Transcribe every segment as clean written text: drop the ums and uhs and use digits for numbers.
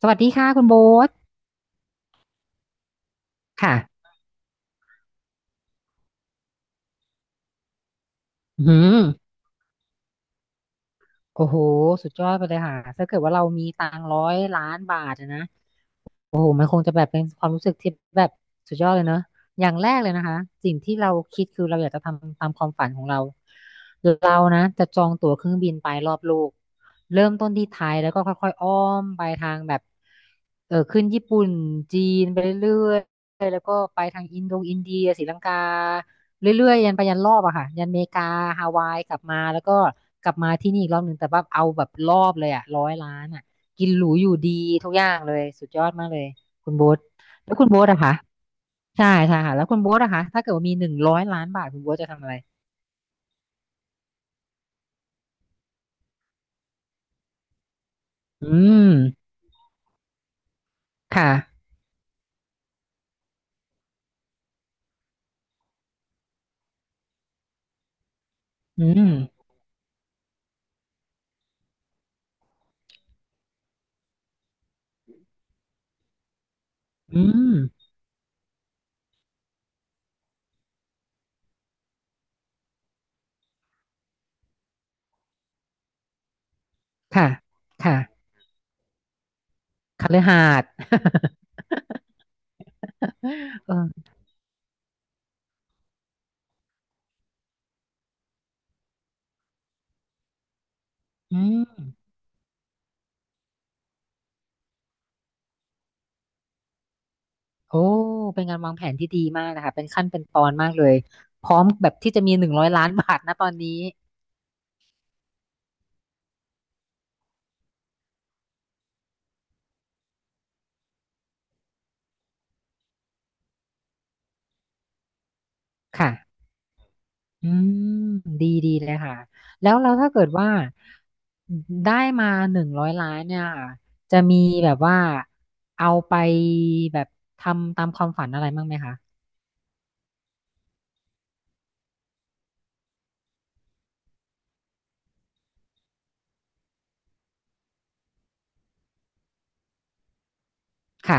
สวัสดีค่ะคุณโบ๊ทค่ะอืมโอ้โห สุดยอดไปเลยค่ะถ้าเกิดว่าเรามีตังค์ร้อยล้านบาทอะนะ โอ้โหมันคงจะแบบเป็นความรู้สึกที่แบบสุดยอดเลยเนอะ อย่างแรกเลยนะคะ สิ่งที่เราคิดคือเราอยากจะทำตามความฝันของเรา เรานะจะจองตั๋วเครื่องบินไปรอบโลก เริ่มต้นที่ไทยแล้วก็ค่อยๆอ้อมไปทางแบบขึ้นญี่ปุ่น จีนไปเรื่อยๆแล้วก็ไปทางอินโดอินเดียศรีลังกา เรื่อยๆยันไปยันรอบอะค่ะยันอเมริกาฮาวายกลับมาแล้วก็กลับมาที่นี่อีกรอบหนึ่งแต่ว่าเอาแบบรอบเลยอะร้อยล้านอะ กินหรูอยู่ดีทุกอย่างเลยสุดยอดมากเลยคุณโบ๊ทแล้วคุณโบ๊ทอะคะใช่ใช่ค่ะแล้วคุณโบ๊ทอะคะถ้าเกิดว่ามีหนึ่งร้อยล้านบาทคุณโบ๊ทจะทำอะไรอืมค่ะอืมอืมค่ะค่ะคฤหาสน์ เอออืมโอ้เป็นการวางแผนที่ดีมากนะคะเป็นขั้นเป็นตอนมากเลยพร้อมแบบที่จะมีหนึ่งร้อยล้านบาทนะตอนนี้ค่ะ อืมดีดีเลยค่ะแล้วถ้าเกิดว่าได้มาหนึ่งร้อยล้านเนี่ยค่ะจะมีแบบว่าเอาไปแบบทำตามความฝันอะไรบ้างไหมคะค่ะ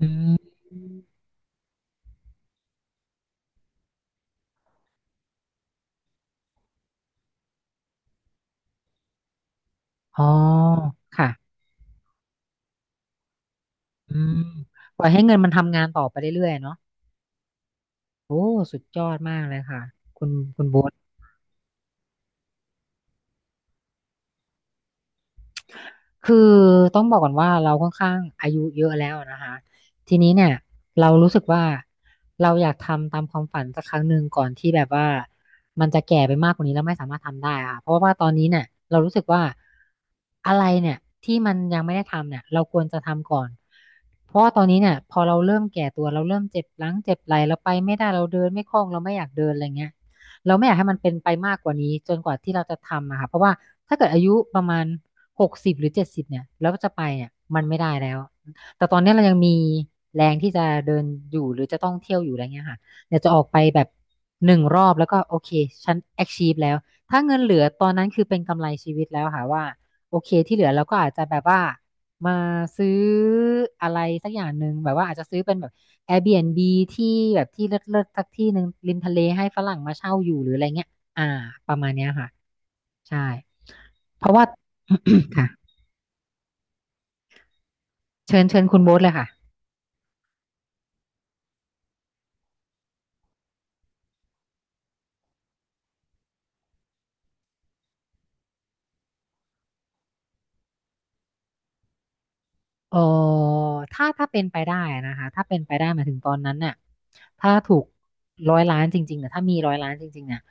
อืมอ๋อค่ะอืมปล่อยให้เงินมันทำงานต่อไปเรื่อยๆเนาะโอ้สุดยอดมากเลยค่ะคุณคุณโบ๊ท คือต้องบอกก่อนว่าเราค่อนข้างอายุเยอะแล้วนะคะทีนี้เนี่ยเรารู้สึกว่าเราอยากทำตามความฝันสักครั้งหนึ่งก่อนที่แบบว่ามันจะแก่ไปมากกว่านี้แล้วไม่สามารถทำได้อะค่ะเพราะว่าตอนนี้เนี่ยเรารู้สึกว่าอะไรเนี่ยที่มันยังไม่ได้ทำเนี่ยเราควรจะทำก่อนเพราะว่าตอนนี้เนี่ยพอเราเริ่มแก่ตัวเราเริ่มเจ็บหลังเจ็บไหล่เราไปไม่ได้เราเดินไม่คล่องเราไม่อยากเดินอะไรเงี้ยเราไม่อยากให้มันเป็นไปมากกว่านี้จนกว่าที่เราจะทำอะค่ะเพราะว่าถ้าเกิดอายุประมาณ 60หรือ70เนี่ยแล้วก็จะไปเนี่ยมันไม่ได้แล้วแต่ตอนนี้เรายังมีแรงที่จะเดินอยู่หรือจะต้องเที่ยวอยู่อะไรเงี้ยค่ะเดี๋ยวจะออกไปแบบหนึ่งรอบแล้วก็โอเคฉัน achieve แล้วถ้าเงินเหลือตอนนั้นคือเป็นกำไรชีวิตแล้วค่ะว่าโอเคที่เหลือเราก็อาจจะแบบว่ามาซื้ออะไรสักอย่างหนึ่งแบบว่าอาจจะซื้อเป็นแบบ Airbnb ที่แบบที่เลิศๆสักที่หนึ่งริมทะเลให้ฝรั่งมาเช่าอยู่หรืออะไรเงี้ยอ่าประมาณเนี้ยค่ะใช่เพราะว่า ค่ะ เชิญเชิญคุณโบ๊ทเลยค่ะเออถ้าถ้าเป็นไปได้นะคะถ้าเป็นไปได้หมายถึงตอนนั้นเนี่ยถ้าถูกร้อยล้านจริงๆเนี่ยถ้ามีร้อยล้านจริงๆเนี่ย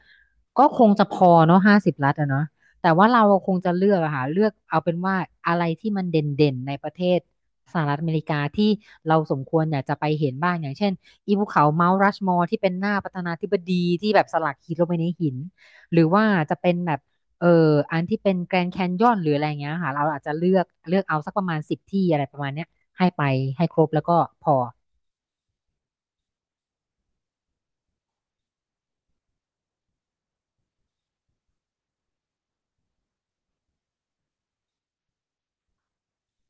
ก็คงจะพอเนาะ50 ล้านอะเนาะแต่ว่าเราคงจะเลือกอะค่ะเลือกเอาเป็นว่าอะไรที่มันเด่นๆในประเทศสหรัฐอเมริกาที่เราสมควรอยากจะไปเห็นบ้างอย่างเช่นอีภูเขาเมาท์รัชมอร์ที่เป็นหน้าประธานาธิบดีที่แบบสลักหินลงไปในหินหรือว่าจะเป็นแบบ เอออันที่เป็นแกรน d c แคนยอนหรืออะไรเงี้ยค่ะเราอาจจะเลือกเอาสักประมาณ10 ที่อะไรประมาณเนี้ยให้ไปให้ครบแล้วก็พอ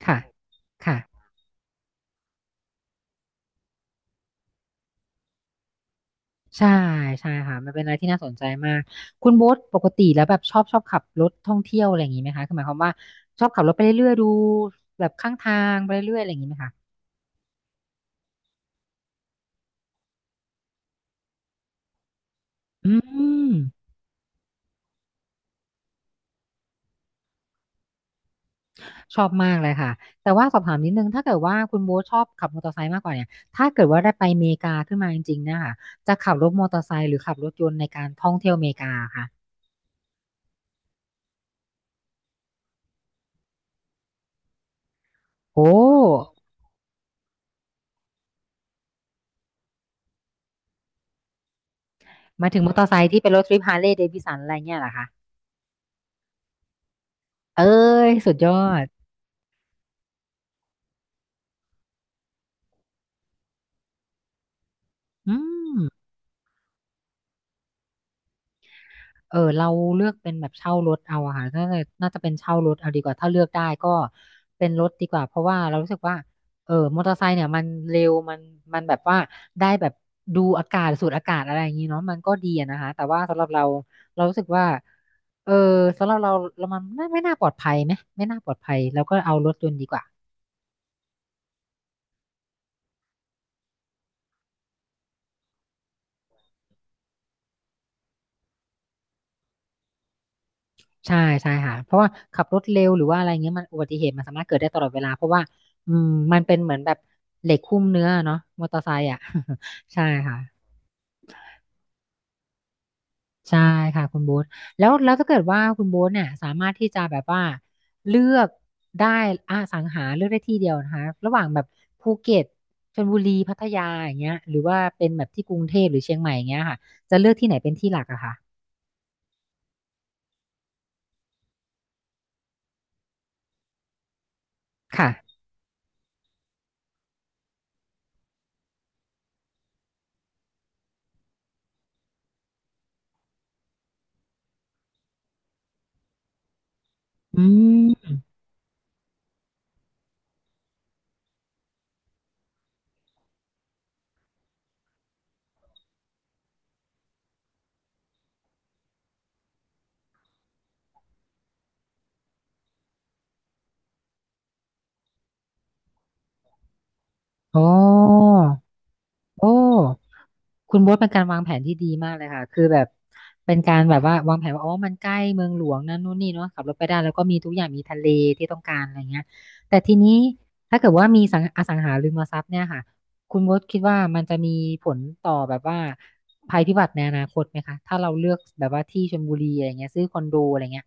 ค่ะค่ะใช่ใช่ค่ะมันเป็นอะไรที่น่าสนใจมากคุณโบ๊ทปกติแล้วแบบชอบขับรถท่องเที่ยวอะไรอย่างนี้ไหมคะคือหมายความว่าชอบขับรถไปเรื่อยๆดูแบบข้างทางไปเรื่อยๆอะไรอย่างนี้ไหมคะอืม ชอบมากเลยค่ะแต่ว่าสอบถามนิดนึงถ้าเกิดว่าคุณโบ๊ทชอบขับมอเตอร์ไซค์มากกว่าเนี่ยถ้าเกิดว่าได้ไปอเมริกาขึ้นมาจริงๆเนะคะจะขับรถมอเตอร์ไซค์หรือขับรถยนต์ในการท่องเที่ยวอเมริกาค่ะโอ้หมายถึงมอเตอร์ไซค์ที่เป็นรถทริปฮาร์เลย์เดวิสันอะไรเงี้ยเหรอคะเอ้ยสุดยอดอืม เราเลือกเป็นแบบเช่ารถเอาอะค่ะน่าจะเป็นเช่ารถเอาดีกว่าถ้าเลือกได้ก็เป็นรถดีกว่าเพราะว่าเรารู้สึกว่ามอเตอร์ไซค์เนี่ยมันเร็วมันแบบว่าได้แบบดูอากาศสูดอากาศอะไรอย่างนี้เนาะมันก็ดีอะนะคะแต่ว่าสำหรับเราเรารู้สึกว่าเออสำหรับเราเรามันไม่น่าปลอดภัยไหมไม่น่าปลอดภัยแล้วก็เอารถยนต์ดีกว่า ใช่ใช่ค่ะเพราะว่าขับรถเร็วหรือว่าอะไรเงี้ยมันอุบัติเหตุมันสามารถเกิดได้ตลอดเวลาเพราะว่าอืมมันเป็นเหมือนแบบเหล็กหุ้มเนื้อเนาะมอเตอร์ไซค์อ่ะ ใช่ค่ะใช่ค่ะคุณโบ๊ทแล้วถ้าเกิดว่าคุณโบ๊ทเนี่ยสามารถที่จะแบบว่าเลือกได้สังหาเลือกได้ที่เดียวนะคะระหว่างแบบภูเก็ตชลบุรีพัทยาอย่างเงี้ยหรือว่าเป็นแบบที่กรุงเทพหรือเชียงใหม่อย่างเงี้ยค่ะจะเลือกที่ไหนเป็นที่หลักอะคะค่ะอืมโอ้ โอ้ คุณโบ๊ทเป็นการวางแผนที่ดีมากเลยค่ะ คือแบบเป็นการแบบว่าวางแผนว่าอ๋อมันใกล้เมืองหลวงนั่นนู่นนี่เนาะขับรถไปได้แล้วก็มีทุกอย่างมีทะเลที่ต้องการอะไรเงี้ยแต่ทีนี้ถ้าเกิดว่ามีสังหาริมทรัพย์เนี่ยค่ะคุณโบ๊ทคิดว่ามันจะมีผลต่อแบบว่าภัยพิบัติในอนาคตไหมคะถ้าเราเลือกแบบว่าที่ชลบุรีอะไรเงี้ยซื้อคอนโดอะไรเงี้ย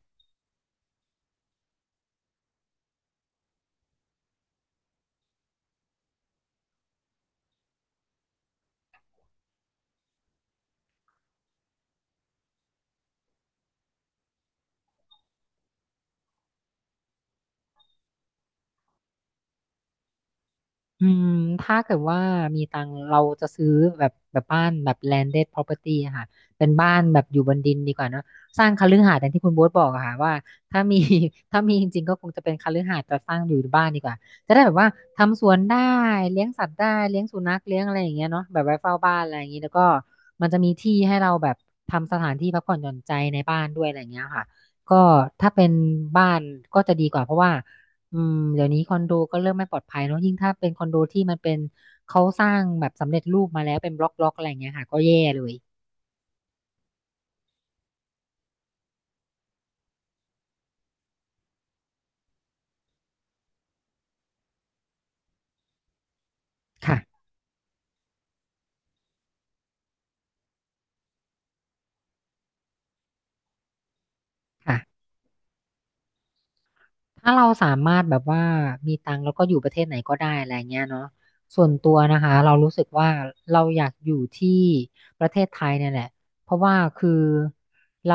อืมถ้าเกิดว่ามีตังค์เราจะซื้อแบบบ้านแบบ landed property อะค่ะเป็นบ้านแบบอยู่บนดินดีกว่าเนอะสร้างคฤหาสน์อย่างที่คุณโบ๊ทบอกอะค่ะว่าถ้ามี ถ้ามีจริงๆก็คงจะเป็นคฤหาสน์แต่สร้างอยู่บ้านดีกว่าจะได้แบบว่าทำสวนได้เลี้ยงสัตว์ได้เลี้ยงสุนัขเลี้ยงอะไรอย่างเงี้ยเนาะแบบไว้เฝ้าบ้านอะไรอย่างงี้แล้วก็มันจะมีที่ให้เราแบบทำสถานที่พักผ่อนหย่อนใจในบ้านด้วยอะไรอย่างเงี้ยค่ะก็ถ้าเป็นบ้านก็จะดีกว่าเพราะว่า อืมเดี๋ยวนี้คอนโดก็เริ่มไม่ปลอดภัยเนอะยิ่งถ้าเป็นคอนโดที่มันเป็นเขาสร้างแบบสำเร็จรูปมาแล้วเป็นบล็อกอะไรอย่างเงี้ยค่ะก็แย่เลยค่ะค่ะ ถ้าเราสามารถแบบว่ามีตังค์แล้วก็อยู่ประเทศไหนก็ได้อะไรเงี้ยเนาะส่วนตัวนะคะเรารู้สึกว่าเราอยากอยู่ที่ประเทศไทยเนี่ยแหละเพราะว่าคือเรา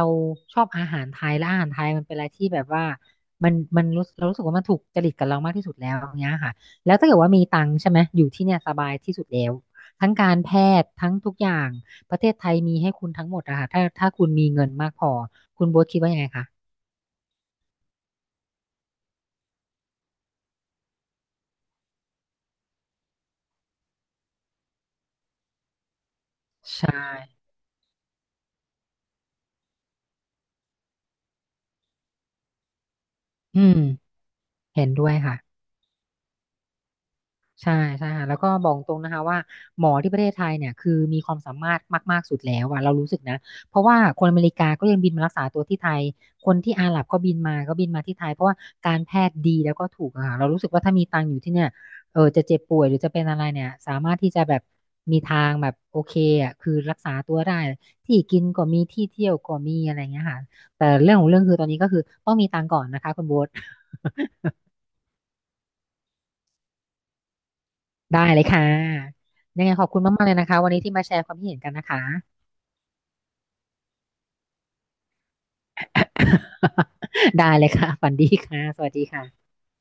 ชอบอาหารไทยและอาหารไทยมันเป็นอะไรที่แบบว่ามันเรารู้สึกว่ามันถูกจริตกับเรามากที่สุดแล้วอย่างเงี้ยค่ะแล้วถ้าเกิดว่ามีตังค์ใช่ไหมอยู่ที่เนี่ยสบายที่สุดแล้วทั้งการแพทย์ทั้งทุกอย่างประเทศไทยมีให้คุณทั้งหมดอะค่ะถ้าคุณมีเงินมากพอคุณโบ๊ทคิดว่ายังไงคะใช่อืม เห็นด้วยค่ะใช่ใช่ค่ะแล้วก็บอกตรงนะคะว่าหมอที่ประเทศไทยเนี่ยคือมีความสามารถมากๆสุดแล้วอะเรารู้สึกนะเพราะว่าคนอเมริกาก็ยังบินมารักษาตัวที่ไทยคนที่อาหรับก็บินมาที่ไทยเพราะว่าการแพทย์ดีแล้วก็ถูกอะค่ะเรารู้สึกว่าถ้ามีตังค์อยู่ที่เนี่ยจะเจ็บป่วยหรือจะเป็นอะไรเนี่ยสามารถที่จะแบบมีทางแบบโอเคอะคือรักษาตัวได้ที่กินก็มีที่เที่ยวก็มีอะไรเงี้ยค่ะแต่เรื่องของเรื่องคือตอนนี้ก็คือต้องมีตังค์ก่อนนะคะคุณโบ๊ท ได้เลยค่ะ ยังไงขอบคุณมากๆเลยนะคะวันนี้ที่มาแชร์ความคิดเห็นกันนะคะ ได้เลยค่ะฝันดีค่ะ สวัสดีค่ะ